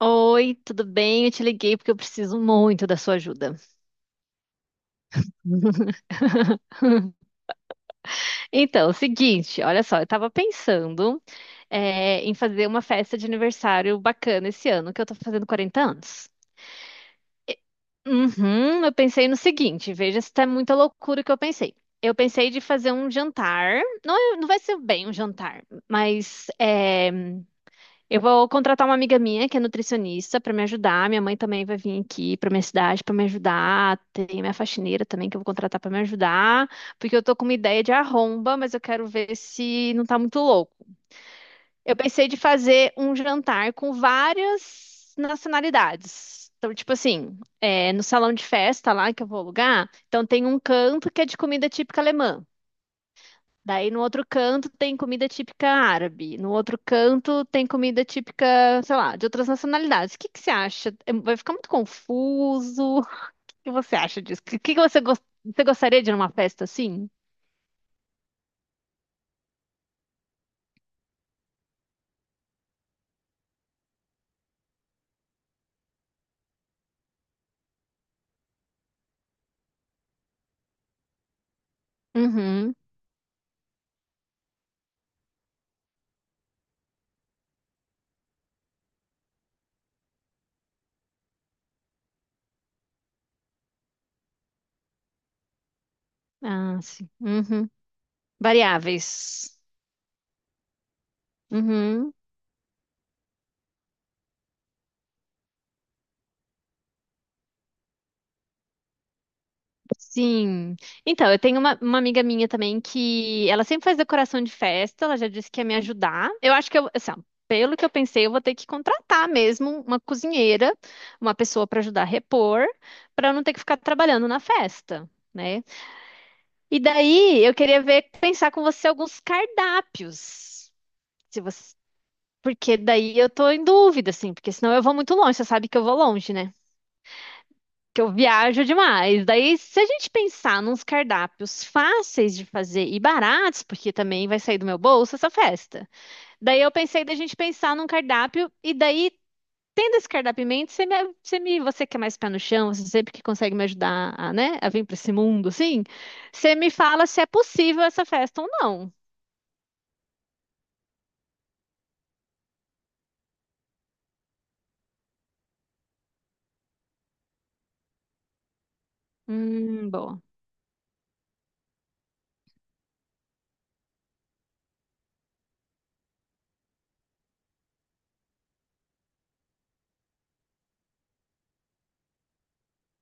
Oi, tudo bem? Eu te liguei porque eu preciso muito da sua ajuda. Então, é o seguinte, olha só, eu tava pensando, em fazer uma festa de aniversário bacana esse ano, que eu tô fazendo 40 anos. Uhum, eu pensei no seguinte, veja se tá muita loucura o que eu pensei. Eu pensei de fazer um jantar, não, não vai ser bem um jantar, mas eu vou contratar uma amiga minha que é nutricionista para me ajudar. Minha mãe também vai vir aqui para minha cidade para me ajudar. Tem minha faxineira também que eu vou contratar para me ajudar, porque eu tô com uma ideia de arromba, mas eu quero ver se não tá muito louco. Eu pensei de fazer um jantar com várias nacionalidades. Então, tipo assim, no salão de festa lá que eu vou alugar, então tem um canto que é de comida típica alemã. Daí no outro canto tem comida típica árabe, no outro canto tem comida típica, sei lá, de outras nacionalidades. O que que você acha? É, vai ficar muito confuso. O que você acha disso? O que que você gostaria de ir numa festa assim? Uhum. Ah, sim. Uhum. Variáveis. Uhum. Sim. Então, eu tenho uma amiga minha também que ela sempre faz decoração de festa, ela já disse que ia me ajudar. Eu acho que eu, assim, ó, pelo que eu pensei, eu vou ter que contratar mesmo uma cozinheira, uma pessoa para ajudar a repor, para eu não ter que ficar trabalhando na festa, né? E daí eu queria ver, pensar com você alguns cardápios. Se você, porque daí eu tô em dúvida, assim, porque senão eu vou muito longe, você sabe que eu vou longe, né? Que eu viajo demais. Daí, se a gente pensar nos cardápios fáceis de fazer e baratos, porque também vai sair do meu bolso essa festa. Daí eu pensei da gente pensar num cardápio e daí tendo esse cardápio você que é mais pé no chão, você sempre que consegue me ajudar a, né, a vir para esse mundo, assim, você me fala se é possível essa festa ou não. Boa.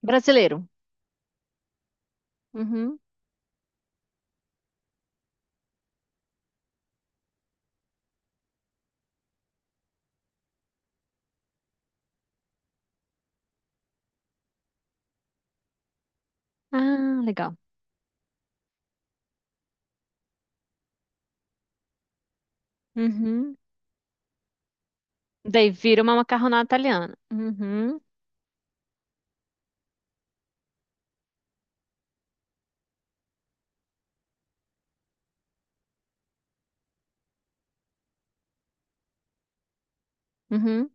Brasileiro. Uhum. Ah, legal. Uhum. Daí vira uma macarronada italiana. Uhum. Uhum.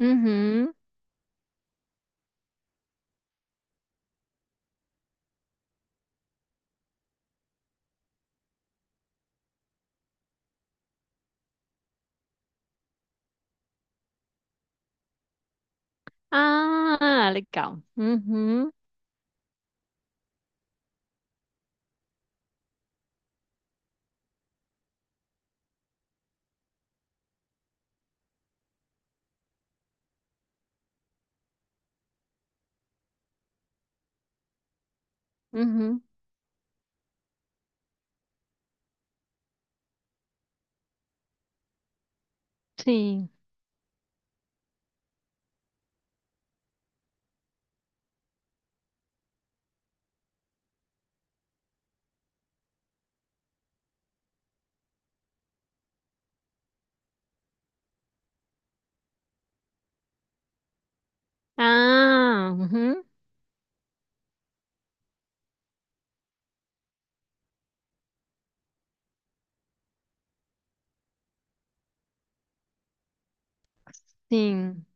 Uhum. Ah, legal. Uhum, uhum, sim. Ah, uhum, sim.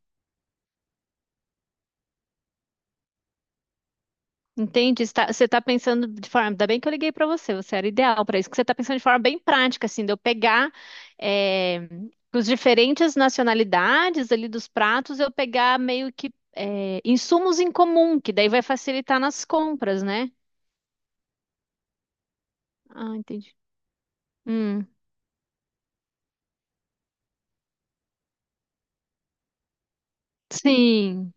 Entendi. Está- Você está pensando de forma. Ainda bem que eu liguei para você, você era ideal para isso, que você está pensando de forma bem prática, assim, de eu pegar eh, os diferentes nacionalidades ali dos pratos, eu pegar meio que insumos em comum, que daí vai facilitar nas compras, né? Ah, entendi. Hum, sim,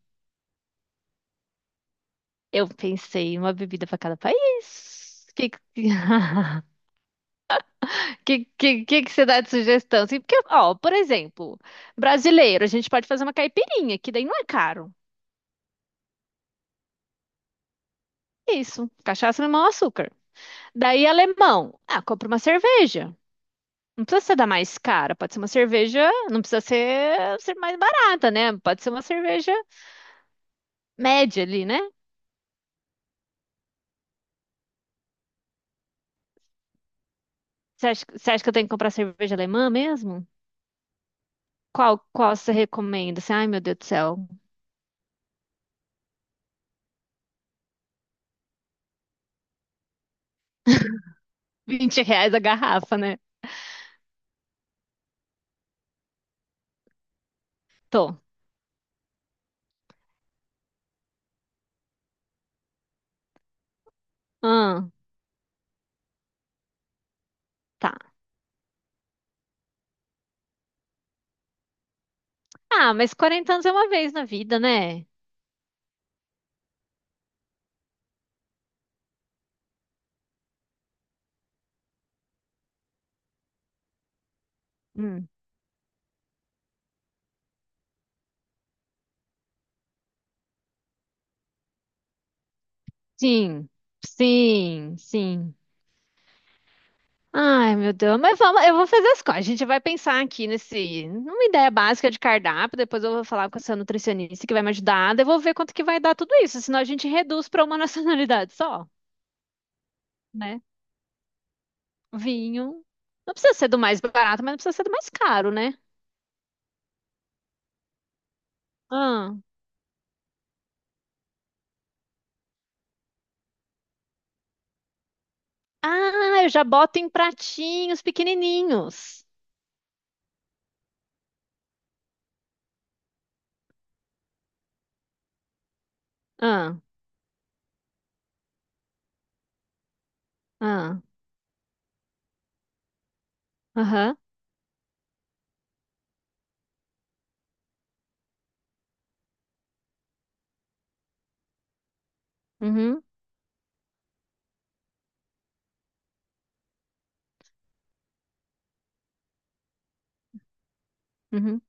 eu pensei em uma bebida para cada país. Que você dá de sugestão? Assim, porque, ó, por exemplo, brasileiro, a gente pode fazer uma caipirinha, que daí não é caro. Isso, cachaça, limão, açúcar. Daí, alemão, ah, compra uma cerveja. Não precisa ser da mais cara, pode ser uma cerveja, não precisa ser mais barata, né? Pode ser uma cerveja média ali, né? Você acha que eu tenho que comprar cerveja alemã mesmo? Qual você recomenda? Assim, ai, meu Deus do céu, R$ 20 a garrafa, né? Tô. Ah, tá. Ah, mas 40 anos é uma vez na vida, né? Hum, Sim, sim. Ai, meu Deus, mas vamos, eu vou fazer as coisas. A gente vai pensar aqui nesse, numa ideia básica de cardápio, depois eu vou falar com essa nutricionista que vai me ajudar, daí eu vou ver quanto que vai dar tudo isso, senão a gente reduz para uma nacionalidade só, né? Vinho. Não precisa ser do mais barato, mas não precisa ser do mais caro, né? Ah, eu já boto em pratinhos pequenininhos. Ah, ah, aham, uhum, uhum,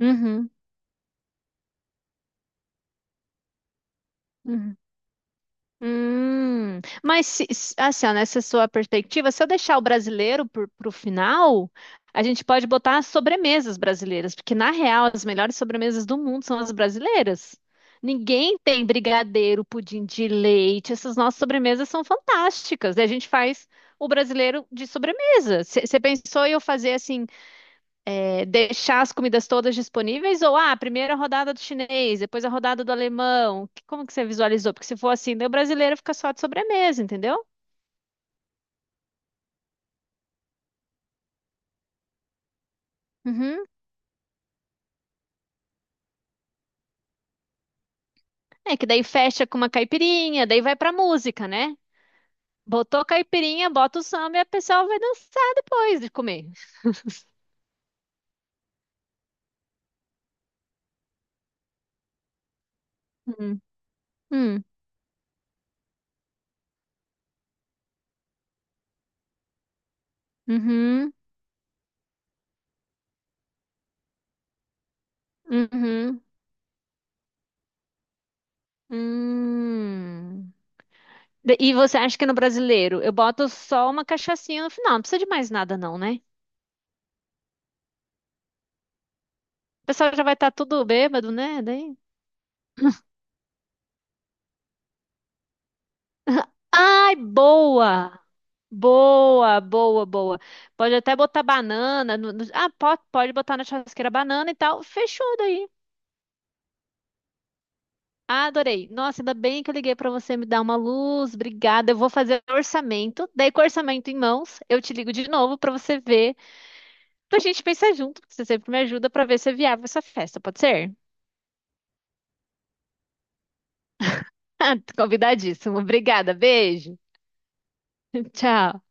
uhum, uhum. Mas assim, ó, nessa sua perspectiva, se eu deixar o brasileiro para o final, a gente pode botar as sobremesas brasileiras, porque na real as melhores sobremesas do mundo são as brasileiras. Ninguém tem brigadeiro, pudim de leite, essas nossas sobremesas são fantásticas. E a gente faz o brasileiro de sobremesa. Você pensou em eu fazer assim? É, deixar as comidas todas disponíveis ou ah, primeiro a rodada do chinês, depois a rodada do alemão? Como que você visualizou? Porque se for assim, daí o brasileiro fica só de sobremesa, entendeu? Uhum. É que daí fecha com uma caipirinha, daí vai pra música, né? Botou caipirinha, bota o samba e a pessoa vai dançar depois de comer. Hum. Hum. Uhum. Uhum. Hum. E você acha que no brasileiro eu boto só uma cachaçinha no final? Não precisa de mais nada, não, né? O pessoal já vai estar tudo bêbado, né? Daí. Ai, boa! Boa, boa, boa. Pode até botar banana. Ah, pode botar na churrasqueira banana e tal. Fechou daí. Ah, adorei. Nossa, ainda bem que eu liguei pra você me dar uma luz. Obrigada. Eu vou fazer orçamento. Daí, com o orçamento em mãos, eu te ligo de novo pra você ver. Pra gente pensar junto, porque você sempre me ajuda pra ver se é viável essa festa, pode ser? Convidadíssimo. Obrigada. Beijo. Tchau.